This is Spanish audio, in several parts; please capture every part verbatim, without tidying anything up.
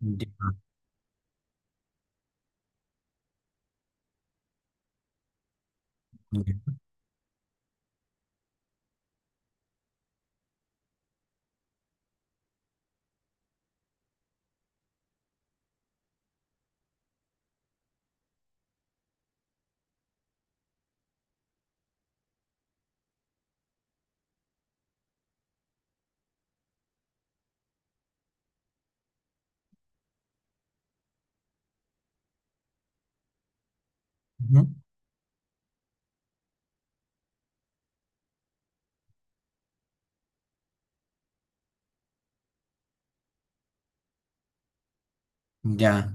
Ya, ya, ujú, Ya.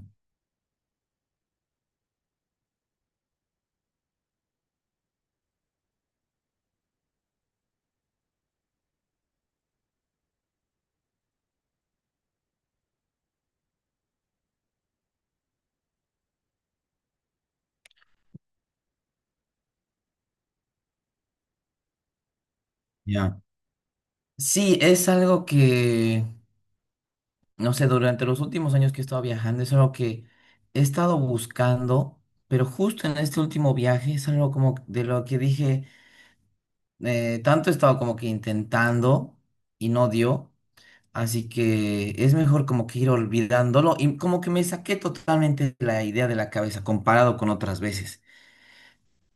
Ya. Sí, es algo que, no sé, durante los últimos años que he estado viajando, es algo que he estado buscando, pero justo en este último viaje es algo como de lo que dije, eh, tanto he estado como que intentando y no dio, así que es mejor como que ir olvidándolo y como que me saqué totalmente la idea de la cabeza comparado con otras veces,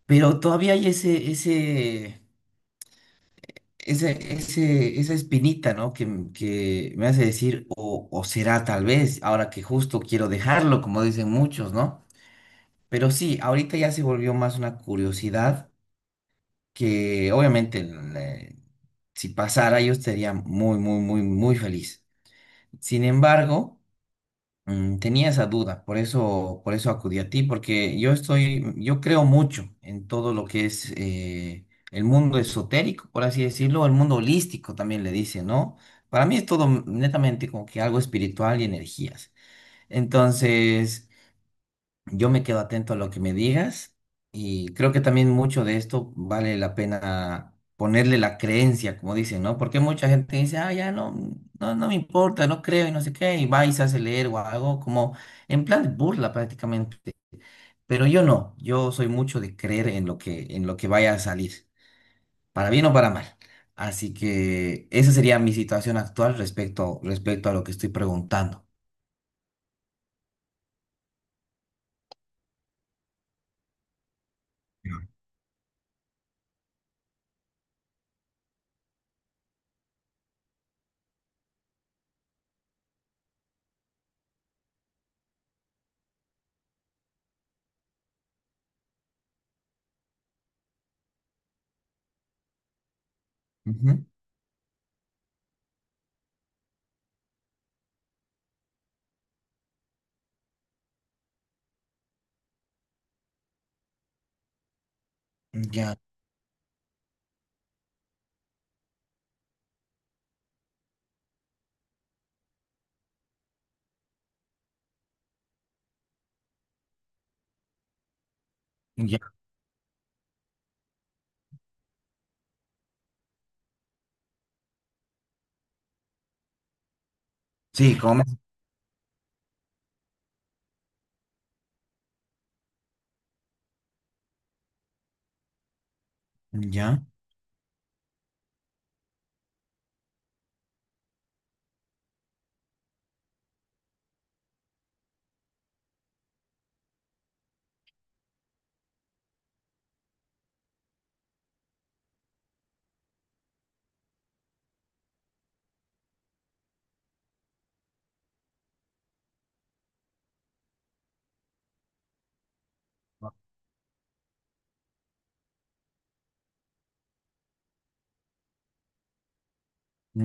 pero todavía hay ese, ese... ese, ese, esa espinita, ¿no? Que, m- que me hace decir, o, o será tal vez, ahora que justo quiero dejarlo, como dicen muchos, ¿no? Pero sí, ahorita ya se volvió más una curiosidad que obviamente, eh, si pasara yo estaría muy, muy, muy, muy feliz. Sin embargo... Mm, Tenía esa duda, por eso, por eso acudí a ti, porque yo estoy, yo creo mucho en todo lo que es eh, el mundo esotérico, por así decirlo, el mundo holístico también le dice, ¿no? Para mí es todo netamente como que algo espiritual y energías. Entonces, yo me quedo atento a lo que me digas y creo que también mucho de esto vale la pena ponerle la creencia, como dicen, ¿no? Porque mucha gente dice, ah, ya no, no, no me importa, no creo y no sé qué, y va y se hace leer o algo como en plan de burla prácticamente. Pero yo no, yo soy mucho de creer en lo que, en lo que vaya a salir, para bien o para mal. Así que esa sería mi situación actual respecto, respecto a lo que estoy preguntando. Ujú. Ya, ya. Sí, como me- ya,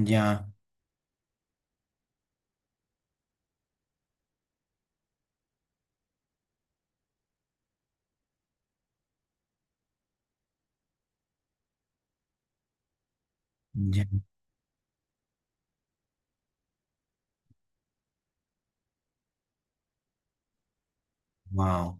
ya. Ya, wow,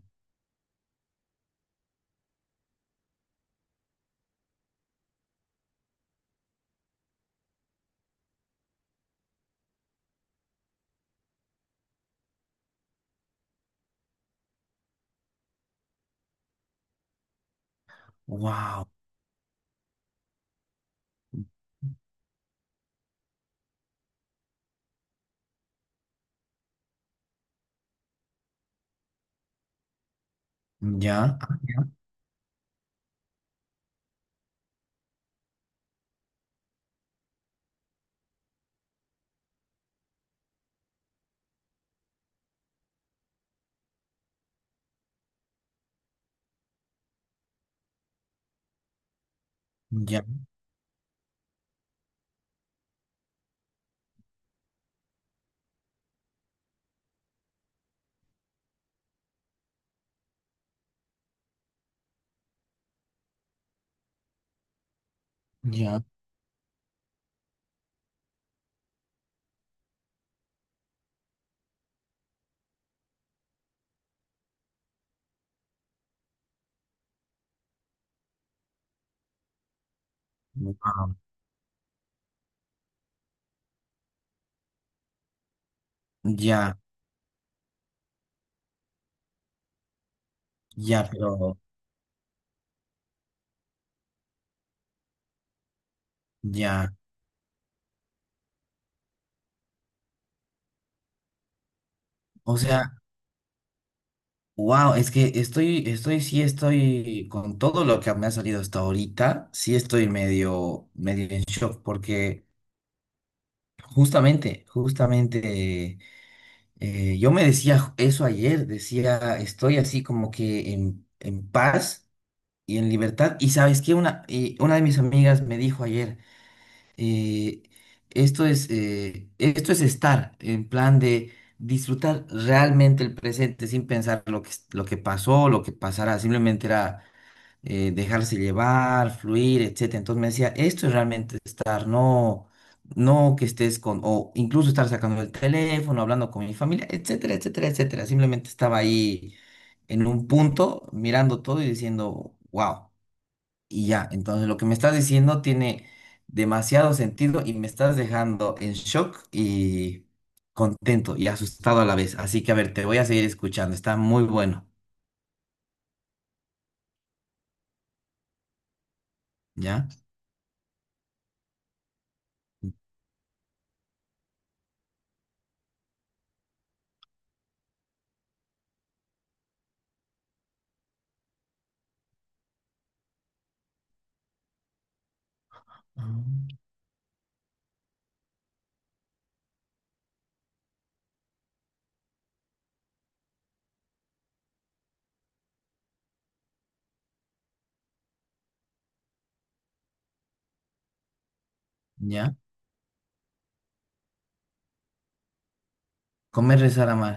wow, ya, ya, ya, wow, ya, ya, pero ya. O sea, wow, es que estoy, estoy, sí estoy con todo lo que me ha salido hasta ahorita, sí estoy medio, medio en shock, porque justamente, justamente, eh, yo me decía eso ayer, decía, estoy así como que en, en paz y en libertad. Y sabes qué, una, y una de mis amigas me dijo ayer. eh, esto es, eh, esto es estar en plan de disfrutar realmente el presente sin pensar lo que, es- lo que pasó, lo que pasará. Simplemente era, eh, dejarse llevar, fluir, etcétera. Entonces me decía, esto es realmente estar, no, no que estés con, o incluso estar sacando el teléfono, hablando con mi familia, etcétera, etcétera, etcétera. Simplemente estaba ahí en un punto mirando todo y diciendo, wow. Y ya, entonces lo que me estás diciendo tiene demasiado sentido y me estás dejando en shock y contento y asustado a la vez. Así que a ver, te voy a seguir escuchando. Está muy bueno. ¿Ya? Ah, ¿ya? Comer, rezar, amar.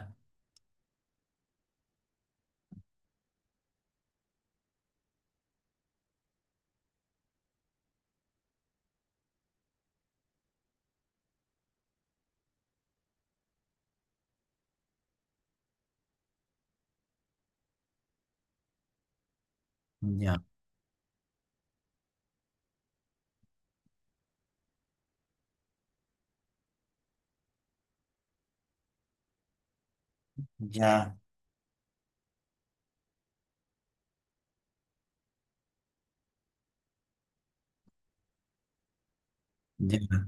Ya. Ya. Ya.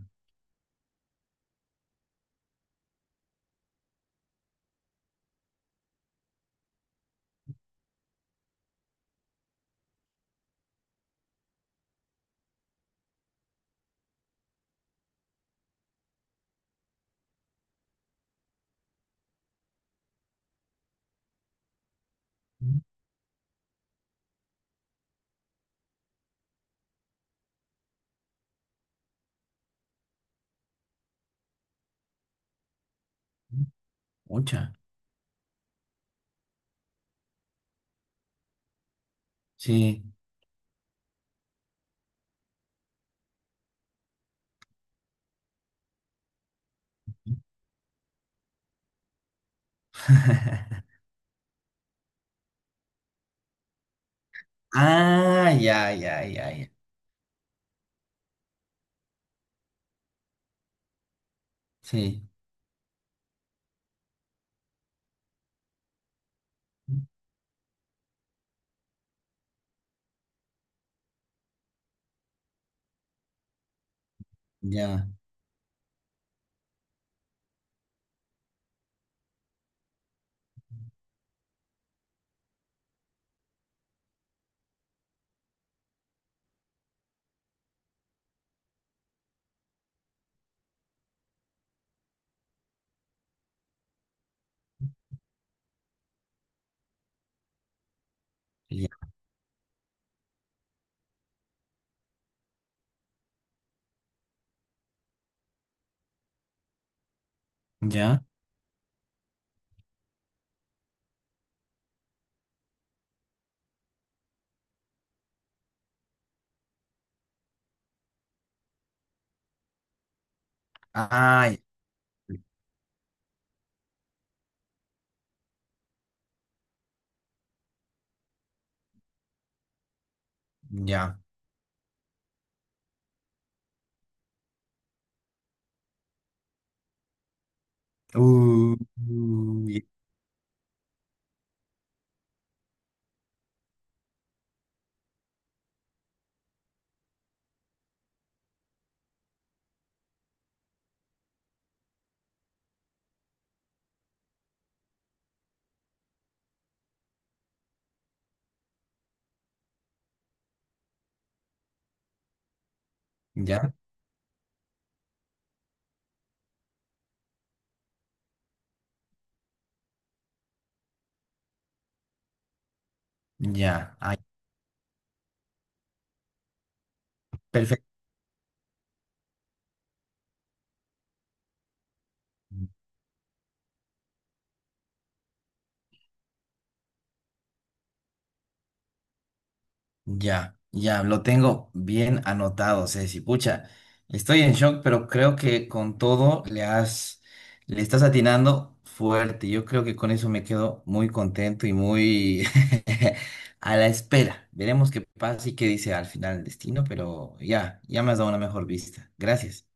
Mucha. Sí. Ah, ya, ya, ya, ya. Sí. Ya. Ya. Ya. Ah, ya. Uh, uh, ya. Ya. Perfecto. Ya, ya, lo tengo bien anotado, Ceci. Pucha, estoy en shock, pero creo que con todo le has, le estás atinando fuerte. Yo creo que con eso me quedo muy contento y muy a la espera. Veremos qué pasa y qué dice al final el destino, pero ya, ya me has dado una mejor vista. Gracias.